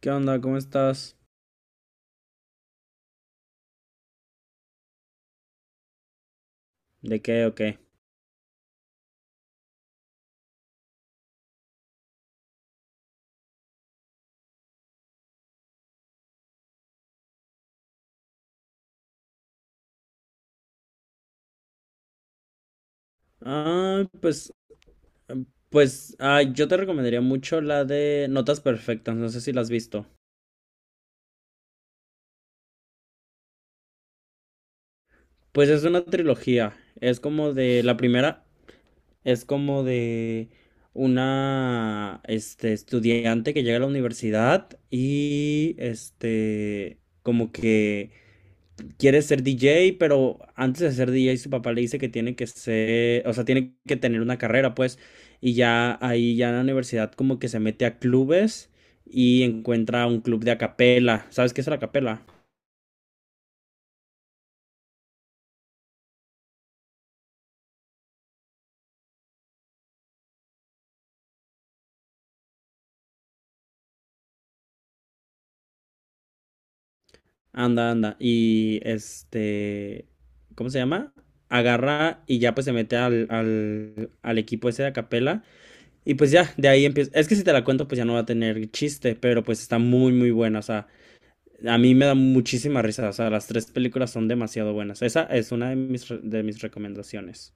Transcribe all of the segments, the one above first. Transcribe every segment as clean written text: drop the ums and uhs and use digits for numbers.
¿Qué onda? ¿Cómo estás? ¿De qué o qué? Ah, pues, yo te recomendaría mucho la de Notas Perfectas, no sé si la has visto. Pues es una trilogía, es como de, la primera es como de una, estudiante que llega a la universidad y, como que quiere ser DJ, pero antes de ser DJ su papá le dice que tiene que ser, o sea, tiene que tener una carrera, pues, y ya ahí ya en la universidad como que se mete a clubes y encuentra un club de acapela. ¿Sabes qué es la acapela? Anda, anda. Y este, ¿cómo se llama? Agarra y ya pues se mete al equipo ese de acapela. Y pues ya, de ahí empieza. Es que si te la cuento, pues ya no va a tener chiste, pero pues está muy, muy buena. O sea, a mí me da muchísima risa, o sea, las tres películas son demasiado buenas. Esa es una de mis, de mis recomendaciones.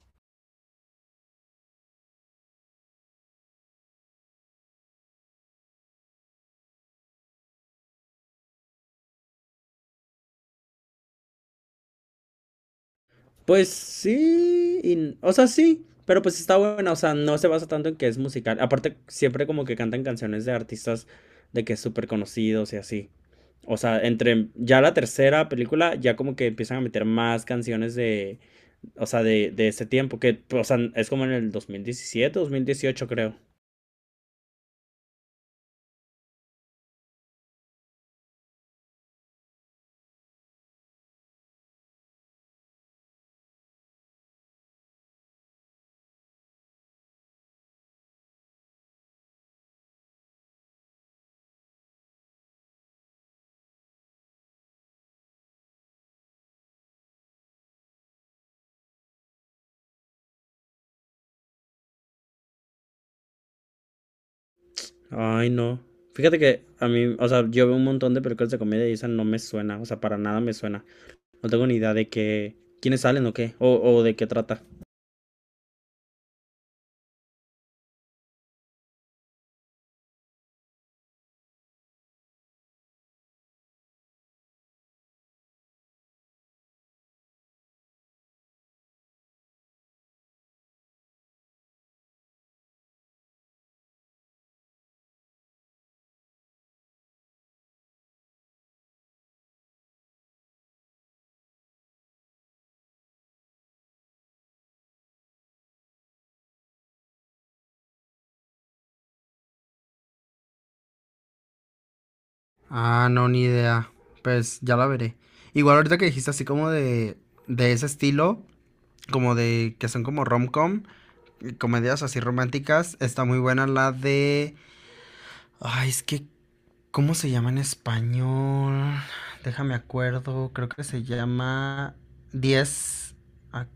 Pues sí, o sea, sí, pero pues está buena, o sea, no se basa tanto en que es musical. Aparte, siempre como que cantan canciones de artistas de que súper conocidos y así. O sea, entre ya la tercera película, ya como que empiezan a meter más canciones de, o sea, de ese tiempo, que, o sea, es como en el 2017, 2018 creo. Ay, no. Fíjate que a mí, o sea, yo veo un montón de películas de comedia y esa no me suena, o sea, para nada me suena. No tengo ni idea de qué, quiénes salen o qué, o de qué trata. Ah, no, ni idea. Pues ya la veré. Igual ahorita que dijiste así como de ese estilo, como de que son como rom-com, comedias así románticas, está muy buena la de... Ay, es que, ¿cómo se llama en español? Déjame acuerdo, creo que se llama 10. ah,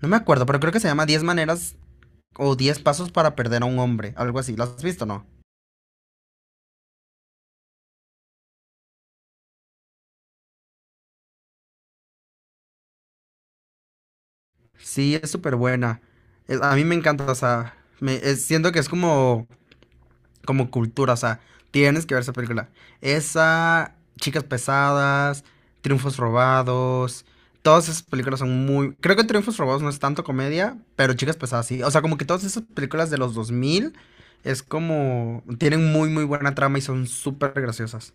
No me acuerdo, pero creo que se llama 10 maneras o 10 pasos para perder a un hombre, algo así. ¿Lo has visto, o no? Sí, es súper buena. A mí me encanta, o sea, me, siento que es como, como cultura, o sea, tienes que ver esa película. Esa, Chicas Pesadas, Triunfos Robados, todas esas películas son muy... Creo que Triunfos Robados no es tanto comedia, pero Chicas Pesadas sí. O sea, como que todas esas películas de los 2000 es como... Tienen muy, muy buena trama y son súper graciosas.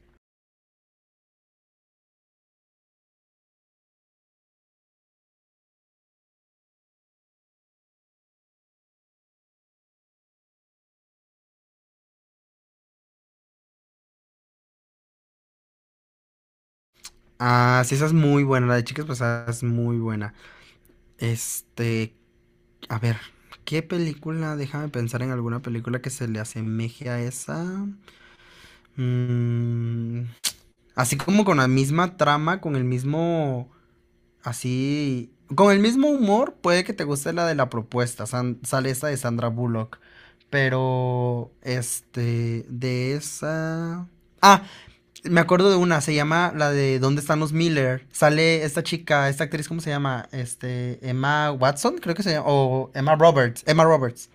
Ah, sí, esa es muy buena. La de Chicas Pasadas es muy buena. Este, a ver, ¿qué película? Déjame pensar en alguna película que se le asemeje a esa. Mm, así como con la misma trama, con el mismo, así, con el mismo humor, puede que te guste la de la propuesta. Sale esa de Sandra Bullock. Pero, de esa... Ah, me acuerdo de una, se llama la de ¿Dónde están los Miller? Sale esta chica, esta actriz, ¿cómo se llama? Emma Watson, creo que se llama, o Emma Roberts, Emma Roberts.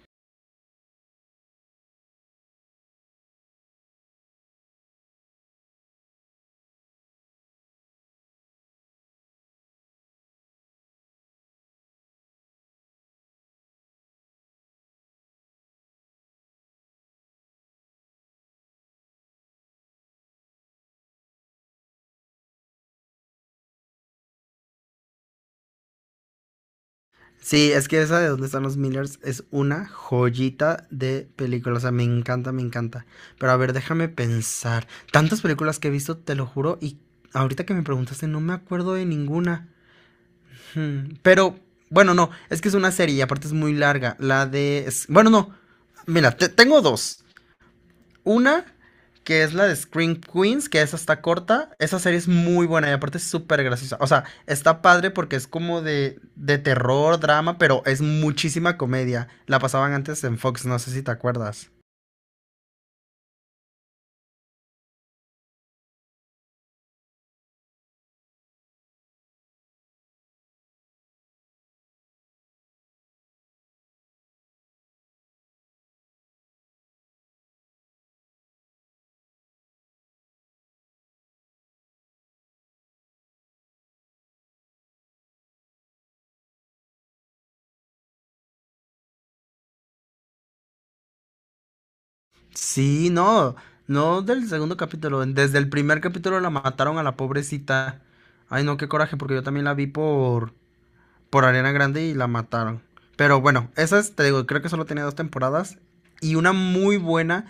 Sí, es que esa de ¿Dónde están los Millers? Es una joyita de película, o sea, me encanta, me encanta. Pero a ver, déjame pensar. Tantas películas que he visto, te lo juro, y ahorita que me preguntaste no me acuerdo de ninguna. Pero, bueno, no, es que es una serie y aparte es muy larga. La de... bueno, no, mira, tengo dos. Una, que es la de Scream Queens, que esa está corta. Esa serie es muy buena y aparte es súper graciosa. O sea, está padre porque es como de terror, drama, pero es muchísima comedia. La pasaban antes en Fox, no sé si te acuerdas. Sí, no, no del segundo capítulo. Desde el primer capítulo la mataron a la pobrecita. Ay, no, qué coraje, porque yo también la vi por Arena Grande y la mataron. Pero bueno, esa es, te digo, creo que solo tenía dos temporadas. Y una muy buena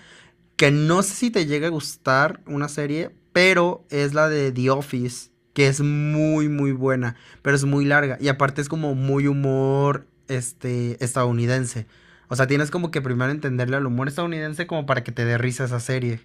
que no sé si te llega a gustar una serie, pero es la de The Office, que es muy, muy buena, pero es muy larga. Y aparte es como muy humor estadounidense. O sea, tienes como que primero entenderle al humor estadounidense como para que te dé risa esa serie.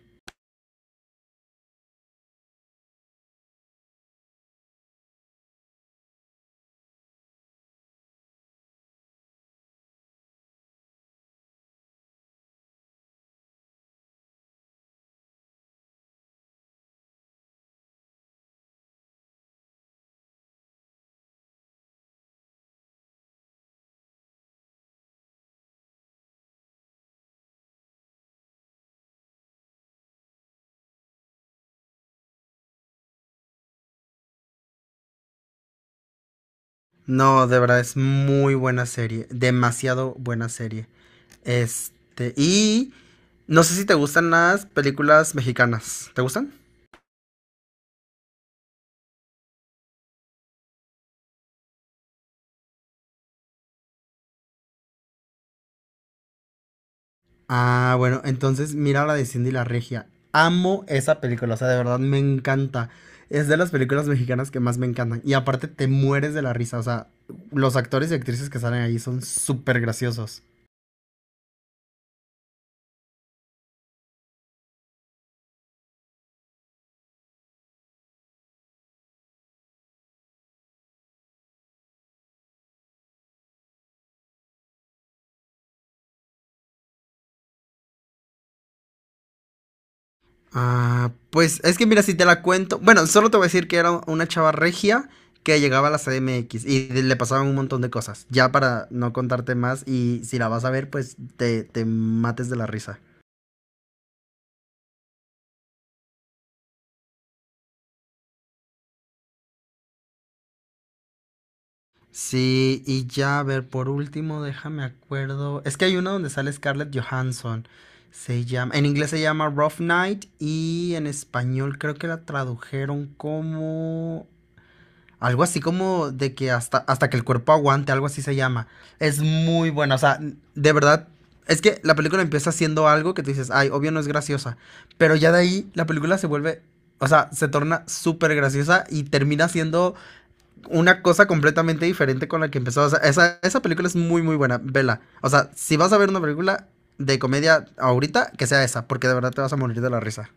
No, de verdad es muy buena serie, demasiado buena serie. Y no sé si te gustan las películas mexicanas. ¿Te gustan? Ah, bueno, entonces mira la de Cindy la Regia. Amo esa película, o sea, de verdad me encanta. Es de las películas mexicanas que más me encantan. Y aparte te mueres de la risa, o sea, los actores y actrices que salen ahí son súper graciosos. Ah, pues es que mira, si te la cuento, bueno, solo te voy a decir que era una chava regia que llegaba a la CDMX y le pasaban un montón de cosas, ya para no contarte más y si la vas a ver, pues te mates de la risa. Sí, y ya, a ver, por último, déjame acuerdo. Es que hay uno donde sale Scarlett Johansson. Se llama, en inglés se llama Rough Night y en español creo que la tradujeron como algo así como de que hasta, hasta que el cuerpo aguante, algo así se llama. Es muy buena, o sea, de verdad, es que la película empieza haciendo algo que tú dices, ay, obvio no es graciosa, pero ya de ahí la película se vuelve, o sea, se torna súper graciosa y termina siendo una cosa completamente diferente con la que empezó. O sea, esa película es muy, muy buena. Vela. O sea, si vas a ver una película de comedia ahorita, que sea esa, porque de verdad te vas a morir de la risa.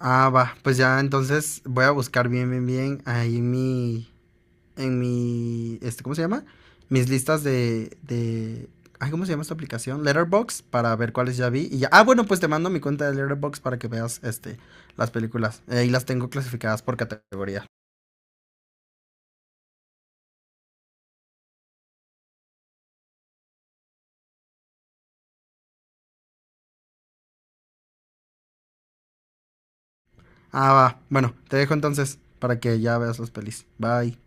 Ah, va. Pues ya, entonces voy a buscar bien, bien, bien ahí en mi. En mi. ¿Cómo se llama? Mis listas de, ay, ¿cómo se llama esta aplicación? Letterbox para ver cuáles ya vi. Y ya. Ah, bueno, pues te mando mi cuenta de Letterbox para que veas las películas. Ahí las tengo clasificadas por categoría. Ah, va. Bueno, te dejo entonces para que ya veas las pelis. Bye.